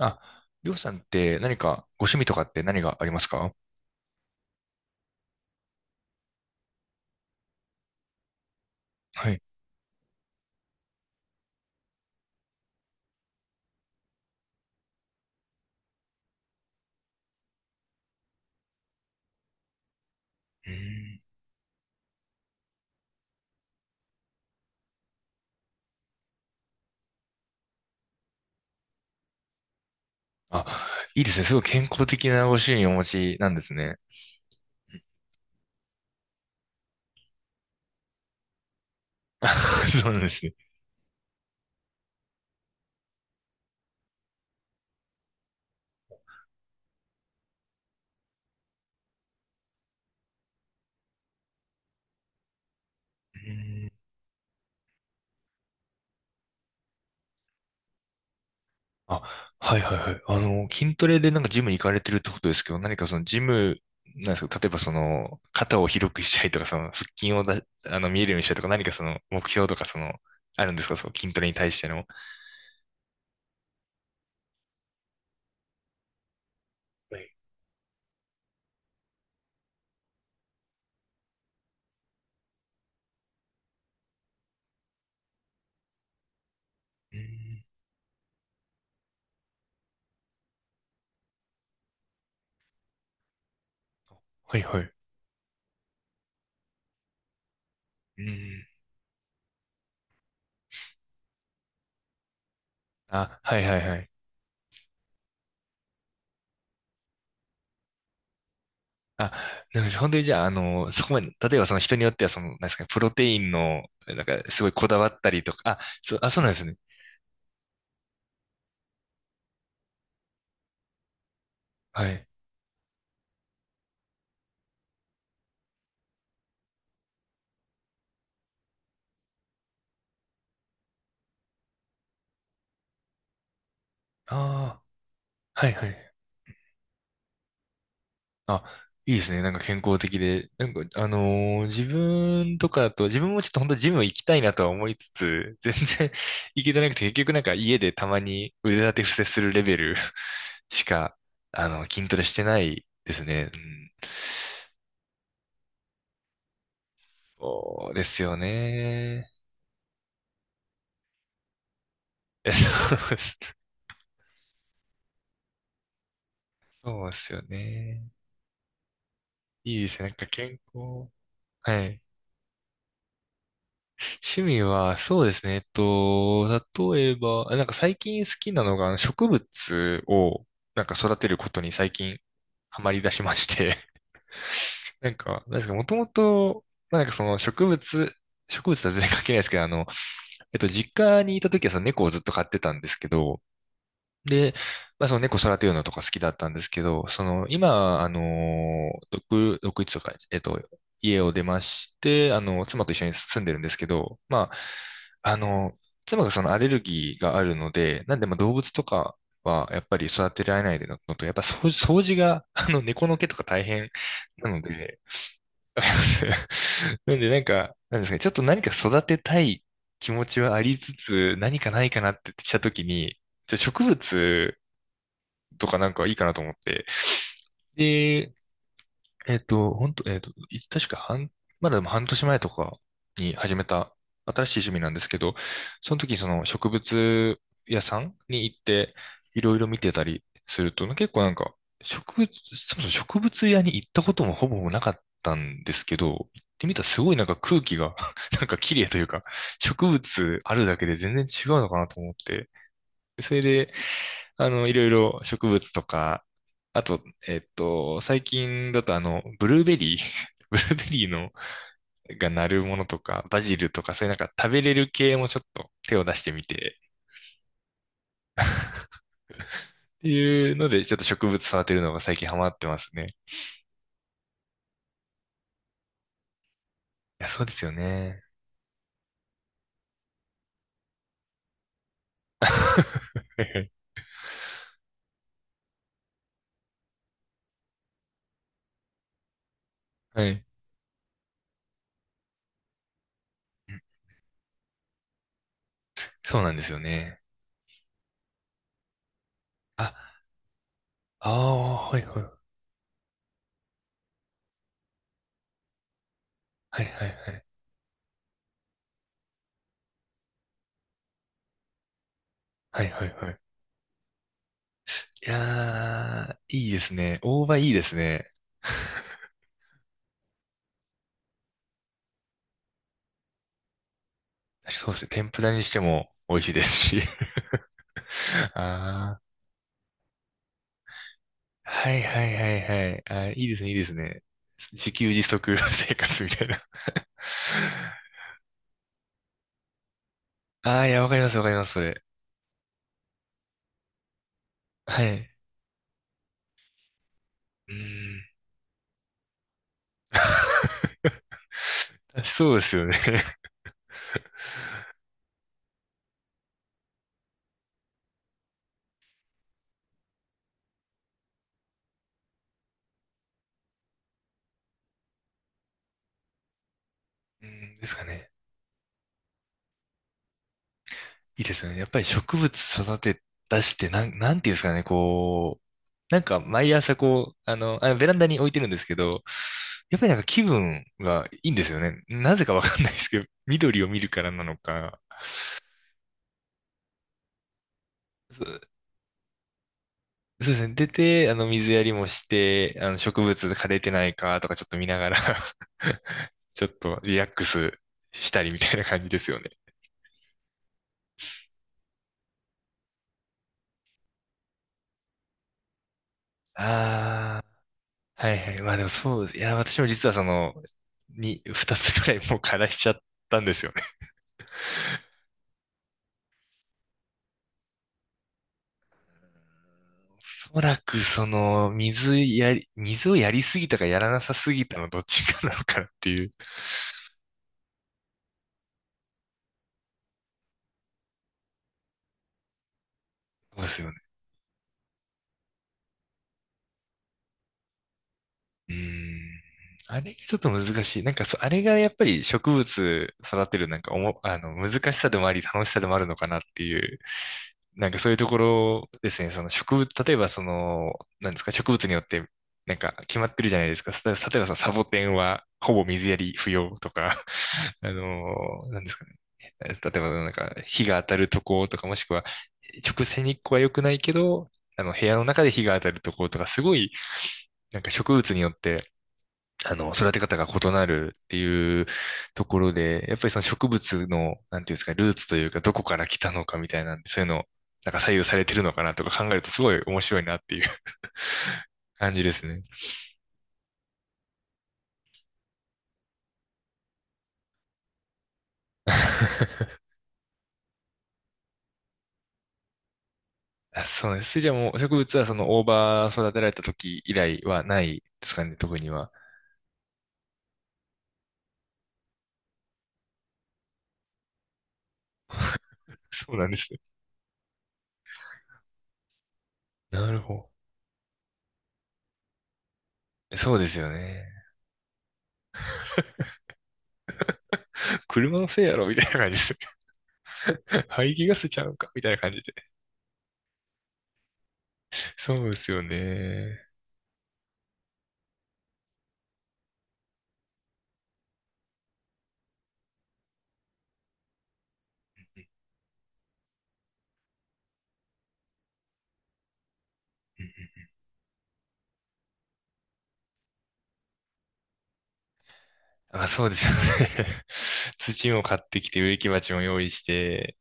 あ、りょうさんって何かご趣味とかって何がありますか？はい。うーん。あ、いいですね。すごい健康的なご趣味をお持ちなんですね。そうなんですね。うーん。あ、はいはいはい。あの、筋トレでなんかジムに行かれてるってことですけど、何かそのジム、なんですか、例えばその、肩を広くしたいとか、その、腹筋をだ、あの、見えるようにしたいとか、何かその、目標とか、その、あるんですか、その筋トレに対しての。はい。うーん。はいはい。うーん。あ、はいはいはい。あ、なんか本当にじゃあ、あの、そこまで、例えばその人によっては、その、なんですかね、プロテインの、なんか、すごいこだわったりとか、あ、そう、あ、そうなんですね。はい。ああ、はいはい。あ、いいですね。なんか健康的で。なんか、あのー自分とかだと、自分もちょっと本当ジム行きたいなとは思いつつ、全然 行けてなくて、結局なんか家でたまに腕立て伏せするレベル しか、あの、筋トレしてないですね。うん、そうですよね。え、そうです。そうですよね。いいですね。なんか健康。はい。趣味は、そうですね。えっと、例えば、あ、なんか最近好きなのが、あの植物を、なんか育てることに最近ハマり出しまして。なんか、なんですか、もともと、まあ、なんかその植物、植物とは全然関係ないですけど、あの、えっと、実家にいた時はその猫をずっと飼ってたんですけど、で、まあ、その猫育てるのとか好きだったんですけど、その今、あの、独、独立とか、えっと、家を出まして、あの、妻と一緒に住んでるんですけど、まあ、あの、妻がそのアレルギーがあるので、なんでまあ動物とかはやっぱり育てられないのと、やっぱ掃除、掃除が、あの、猫の毛とか大変なので、わかります。 なんでなんか、なんですかね、ちょっと何か育てたい気持ちはありつつ、何かないかなってしたときに、じゃあ植物とかなんかいいかなと思って。で、えっと、本当えっと、い確か半、まだでも半年前とかに始めた新しい趣味なんですけど、その時にその植物屋さんに行っていろいろ見てたりすると、結構なんか植物、そもそも植物屋に行ったこともほぼなかったんですけど、行ってみたらすごいなんか空気が なんか綺麗というか、植物あるだけで全然違うのかなと思って、でそれであの、いろいろ植物とか、あと、えっと、最近だとあの、ブルーベリー、ブルーベリーの、がなるものとか、バジルとか、そういうなんか食べれる系もちょっと手を出してみて、っていうので、ちょっと植物育てるのが最近ハマってますね。いや、そうですよね。はいはい。はい。そうなんですよね。あ、ああ、はいはい。はいはいはい。はいはいはい。いやー、いいですね。大葉いいですね。そうですね。天ぷらにしても美味しいですし。ああ、はいはいはいはい。あー、いいですね、いいですね。自給自足 生活みたいな。ああ、いや、わかりますわかります、それ。はい。うーん。そうですよね。うん、ですかね。いいですよね。やっぱり植物育て出して、なん、なんていうんですかね、こう、なんか毎朝こう、あの、あベランダに置いてるんですけど、やっぱりなんか気分がいいんですよね。なぜかわかんないですけど、緑を見るからなのか。そ、そうですね。出て、あの、水やりもして、あの、植物枯れてないかとかちょっと見ながら ちょっとリラックスしたりみたいな感じですよね。ああ。はいはい。まあでもそうです。いや、私も実はその、に、二つぐらいもう課題しちゃったんですよね。おそらくその、水やり、水をやりすぎたかやらなさすぎたのどっちかなのかなっていう。そうですよね。うーん。あれがちょっと難しい。なんかそう、あれがやっぱり植物育てるなんかおも、あの、難しさでもあり、楽しさでもあるのかなっていう、なんかそういうところですね、その植物、例えばその、なんですか、植物によって、なんか決まってるじゃないですか。例えば、例えばそのサボテンはほぼ水やり不要とか、あのー、なんですかね。例えばなんか日が当たるとことか、もしくは直射日光は良くないけど、あの部屋の中で日が当たるとことか、すごいなんか植物によってあの、育て方が異なるっていうところで、やっぱりその植物の、なんていうんですか、ルーツというか、どこから来たのかみたいなんで、そういうの、なんか左右されてるのかなとか考えるとすごい面白いなっていう 感じですね。あ、そうです。じゃあもう植物はその大葉育てられた時以来はないですかね、特には。そうなんですね。なるほど。そうですよね。車のせいやろみたいな感じです。排気ガスちゃうんかみたいな感じで。そうですよね。うんうん。あ、そうですよね。土も買ってきて、植木鉢も用意して、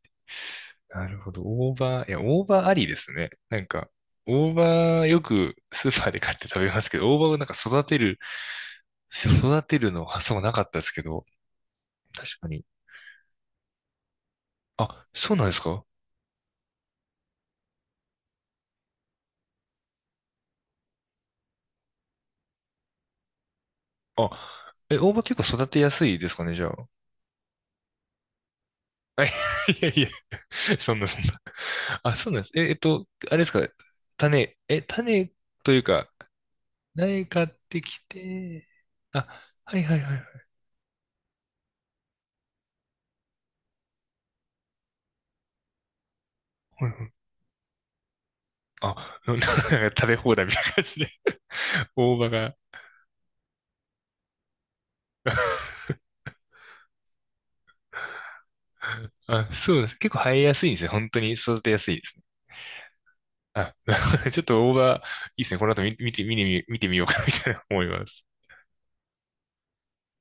なるほど。大葉、いや、大葉ありですね。なんか、大葉よくスーパーで買って食べますけど、大葉をなんか育てる、育てるの発想がなかったですけど、確かに。あ、そうなんですか？あ、え、大葉結構育てやすいですかね、じゃあ。あ、いやいや、そんなそんな。あ、そうなんです。え、えっと、あれですか、種、え、種というか、苗買ってきて、あ、はいはいはいはい。うんうん。あ、な、なんか食べ放題みたいな感じで、大葉が。あ、そうです。結構生えやすいんですね。本当に育てやすいですね。あ、なるほど。ちょっと大葉、いいですね。この後見、見て、見て見てみようかなみたいな思います。